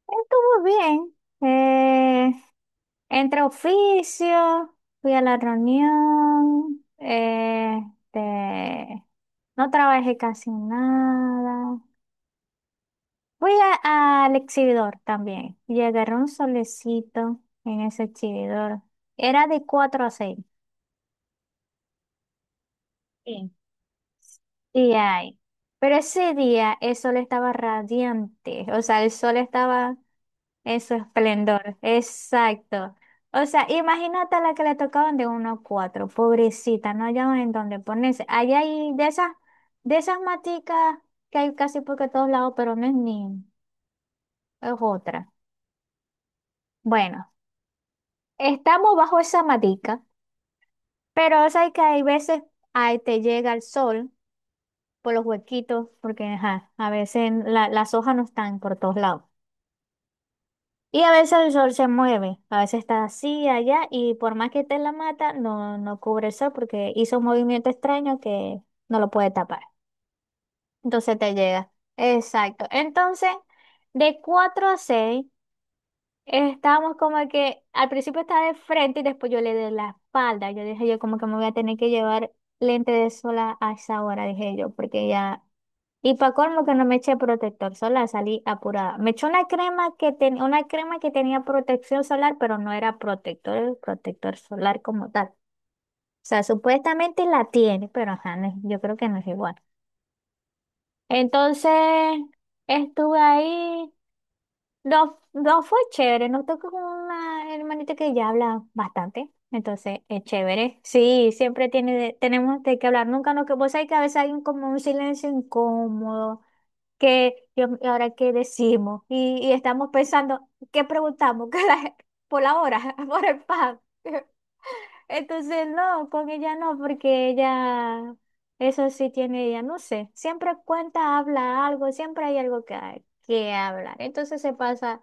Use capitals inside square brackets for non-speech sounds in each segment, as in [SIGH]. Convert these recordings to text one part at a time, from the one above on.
Estuvo bien. Eh, entre oficios, fui a la reunión, este, no trabajé casi nada. Fui al exhibidor también y agarré un solecito en ese exhibidor. Era de 4 a 6. Sí. Sí hay. Pero ese día el sol estaba radiante, o sea, el sol estaba. Eso esplendor, exacto. O sea, imagínate a la que le tocaban de 1 a 4, pobrecita, no hallaban en dónde ponerse. Allá hay de esas maticas que hay casi por que todos lados, pero no es ni, es otra. Bueno, estamos bajo esa matica, pero o sea, que hay veces ahí te llega el sol por los huequitos, porque ajá, a veces las hojas no están por todos lados. Y a veces el sol se mueve, a veces está así, allá, y por más que esté en la mata, no, no cubre el sol porque hizo un movimiento extraño que no lo puede tapar. Entonces te llega. Exacto. Entonces, de 4 a 6 estábamos como que al principio estaba de frente y después yo le di la espalda. Yo dije, yo como que me voy a tener que llevar lente de sol a esa hora, dije yo, porque ya y para colmo que no me eché protector solar, salí apurada. Me eché una crema que tenía una crema que tenía protección solar, pero no era protector solar como tal. O sea, supuestamente la tiene, pero ajá, no es- yo creo que no es igual. Entonces, estuve ahí. No, no fue chévere, no tocó con una hermanita que ya habla bastante. Entonces, es chévere. Sí, siempre tiene, tenemos de qué hablar. Nunca nos que vos sabés que a veces hay un, como un silencio incómodo que Dios mío, ahora qué decimos y estamos pensando, ¿qué preguntamos? [LAUGHS] ¿Qué por la hora, [LAUGHS] por el pan? Entonces, no, con ella no, porque ella, eso sí tiene ella, no sé, siempre cuenta, habla algo, siempre hay algo que, que hablar. Entonces se pasa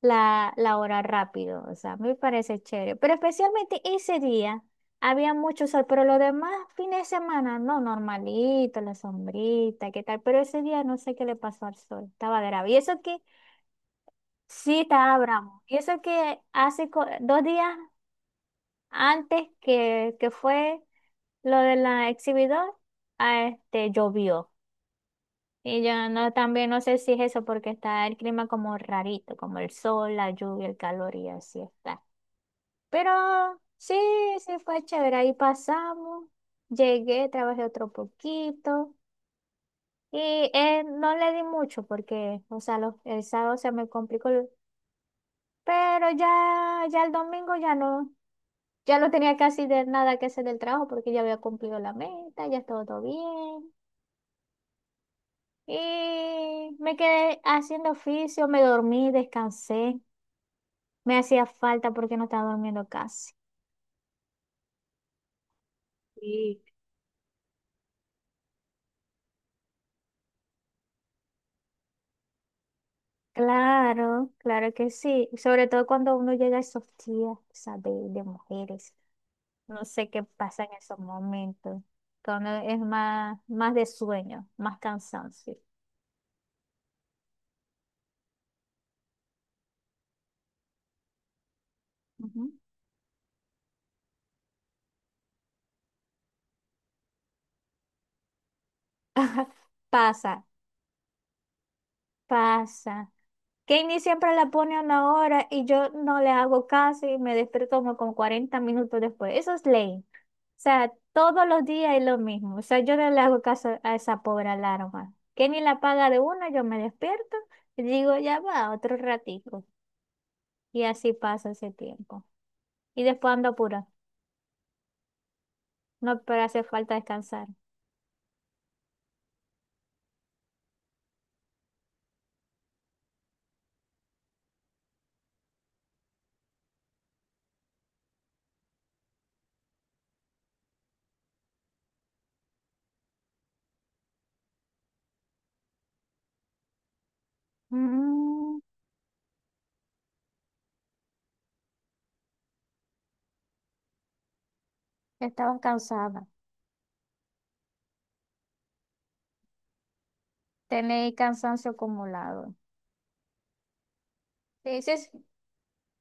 la hora rápido, o sea, me parece chévere. Pero especialmente ese día había mucho sol, pero los demás fines de semana, no, normalito, la sombrita, qué tal, pero ese día no sé qué le pasó al sol, estaba grave. Y eso que sí estaba bravo, y eso que hace 2 días antes que fue. Lo de la exhibidor, ah, este, llovió. Y yo no, también no sé si es eso, porque está el clima como rarito, como el sol, la lluvia, el calor y así está. Pero sí, sí fue chévere. Ahí pasamos, llegué, trabajé otro poquito y no le di mucho porque, o sea, el sábado se me complicó, pero ya, ya el domingo ya no, ya no tenía casi de nada que hacer del trabajo porque ya había cumplido la meta, ya estaba todo bien. Y me quedé haciendo oficio, me dormí, descansé. Me hacía falta porque no estaba durmiendo casi. Sí. Claro, claro que sí. Sobre todo cuando uno llega a esos días, ¿sabes? De mujeres. No sé qué pasa en esos momentos. Cuando es más, más de sueño, más cansancio. Ujú. [LAUGHS] Pasa, pasa. Kenny siempre la pone a una hora y yo no le hago caso y me despierto como con 40 minutos después. Eso es ley. O sea, todos los días es lo mismo. O sea, yo no le hago caso a esa pobre alarma. Que ni la paga de una, yo me despierto y digo, ya va, otro ratito. Y así pasa ese tiempo. Y después ando apura. No, pero hace falta descansar. Mm, estabas cansada. Tenéis cansancio acumulado. Sí, sí,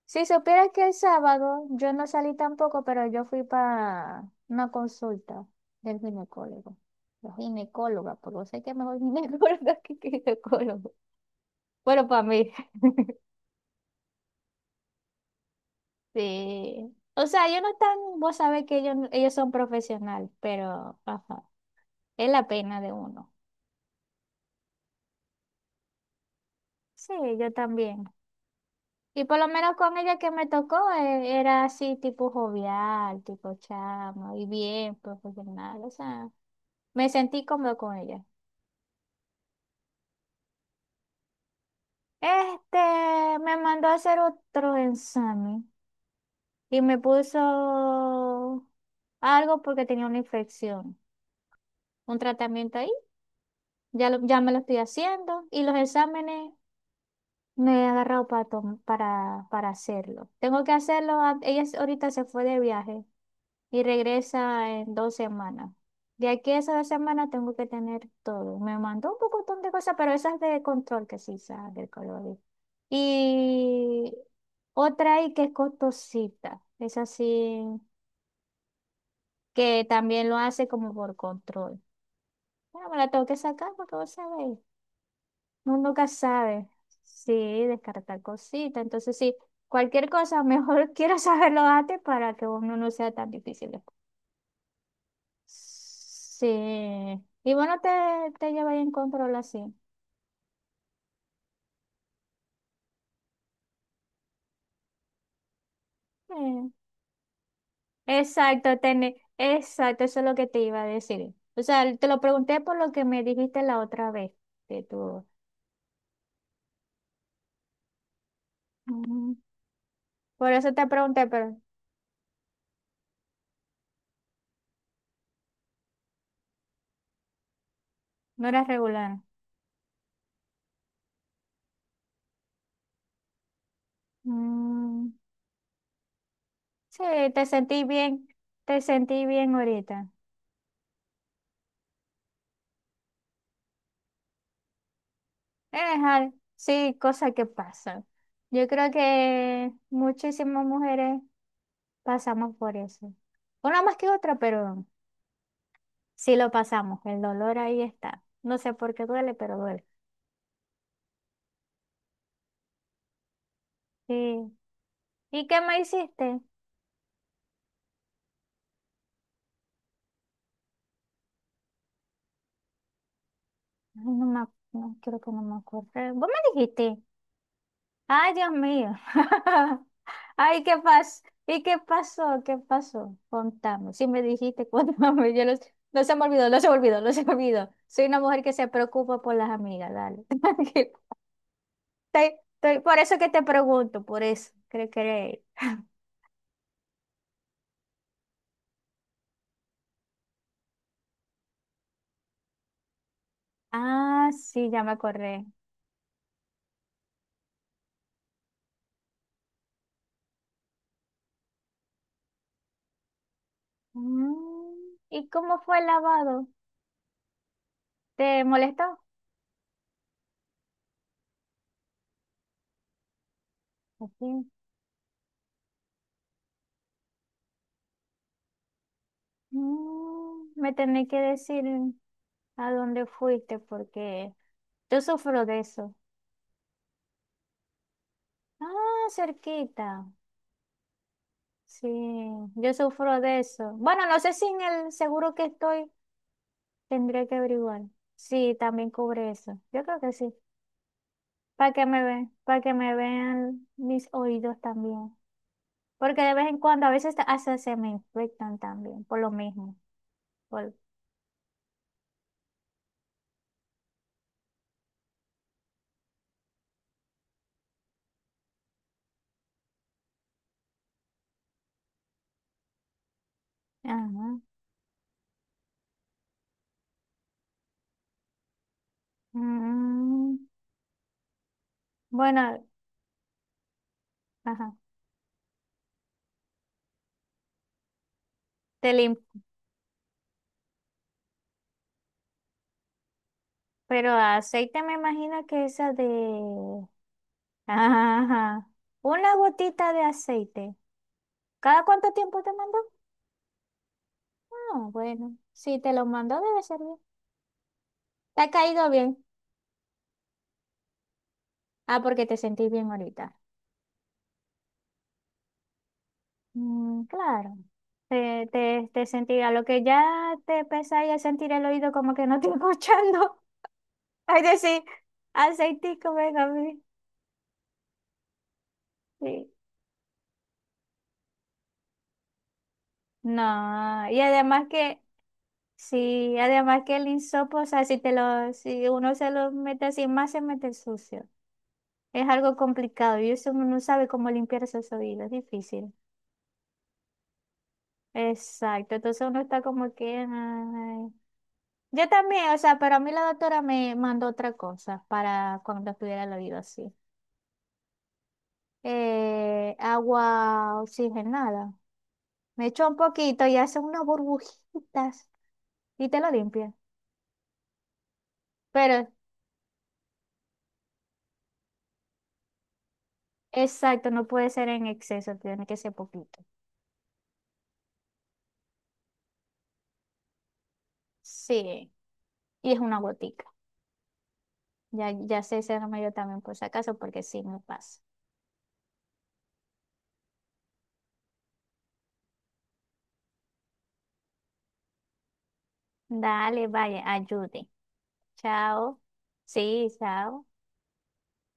si supieras que el sábado yo no salí tampoco, pero yo fui para una consulta del ginecólogo. La ginecóloga, porque yo sé que mejor ginecóloga [LAUGHS] que ginecólogo. Bueno, para mí, [LAUGHS] sí. O sea, yo no están, vos sabés que ellos son profesionales, pero ajá, es la pena de uno. Sí, yo también. Y por lo menos con ella que me tocó, era así tipo jovial, tipo chamo, y bien profesional. O sea, me sentí cómodo con ella. Este me mandó a hacer otro examen y me puso algo porque tenía una infección, un tratamiento ahí. Ya, ya me lo estoy haciendo y los exámenes me he agarrado para, para hacerlo. Tengo que hacerlo. Ella ahorita se fue de viaje y regresa en 2 semanas. De aquí a esas 2 semanas tengo que tener todo. Me mandó un pocotón de cosas, pero esas de control que sí sabe del color. Y otra ahí que es costosita. Es así, que también lo hace como por control. Bueno, me la tengo que sacar porque vos sabéis. Uno nunca sabe. Sí, descartar cositas. Entonces, sí, cualquier cosa, mejor [LAUGHS] quiero saberlo antes para que uno no sea tan difícil. Sí. Y bueno, te lleváis en control así. Eh, Exacto, exacto, eso es lo que te iba a decir. O sea, te lo pregunté por lo que me dijiste la otra vez, que tú. Mm, por eso te pregunté, pero no eras regular. Mm, sí, te sentí bien, te sentí bien ahorita. Es sí, cosas que pasan. Yo creo que muchísimas mujeres pasamos por eso. Una más que otra, pero. Sí lo pasamos, el dolor ahí está. No sé por qué duele, pero duele. Sí. ¿Y qué me hiciste? Ay, no me, no, creo que no me acuerdo. ¿Vos me dijiste? Ay, Dios mío. [LAUGHS] Ay, ¿qué pasó? ¿Y qué pasó? ¿Qué pasó? Contame. Si me dijiste, [LAUGHS] contame. Yo no, no se me olvidó, no se me olvidó, no se me olvidó. Soy una mujer que se preocupa por las amigas, dale. [LAUGHS] Tranquila. Por eso que te pregunto, por eso. Creo que... Ah, sí, ya me acordé. Mm, ¿y cómo fue el lavado? ¿Te molestó? Así. Mm, me tenés que decir a dónde fuiste porque yo sufro de eso. Ah, cerquita. Sí, yo sufro de eso. Bueno, no sé si en el seguro que estoy tendré que averiguar. Sí, también cubre eso. Yo creo que sí. Para que me vean, para que me vean mis oídos también. Porque de vez en cuando a veces hasta se me infectan también por lo mismo. Por... Ajá. Mm, bueno, ajá, te lim- pero aceite me imagino que esa de... [LAUGHS] Ajá, una gotita de aceite. ¿Cada cuánto tiempo te mandó? Ah, bueno, si te lo mandó debe ser bien. ¿Te ha caído bien? Ah, porque te sentí bien ahorita. Mm, claro. Te sentirá lo que ya te pesa y a sentir el oído como que no estoy escuchando. [LAUGHS] Es decir, aceitico, venga, a mí. Sí. No, y además que sí, además que el insopo, o sea, si te lo, si uno se lo mete así, más se mete el sucio. Es algo complicado y eso uno no sabe cómo limpiar esos oídos, es difícil. Exacto, entonces uno está como que... ay. Yo también, o sea, pero a mí la doctora me mandó otra cosa para cuando estuviera el oído así. Agua oxigenada. Me echó un poquito y hace unas burbujitas y te lo limpia. Pero, exacto, no puede ser en exceso, tiene que ser poquito. Sí, y es una gotica. Ya sé ese remedio también por si acaso, porque sí me pasa. Dale, vaya, ayude. Chao. Sí, chao.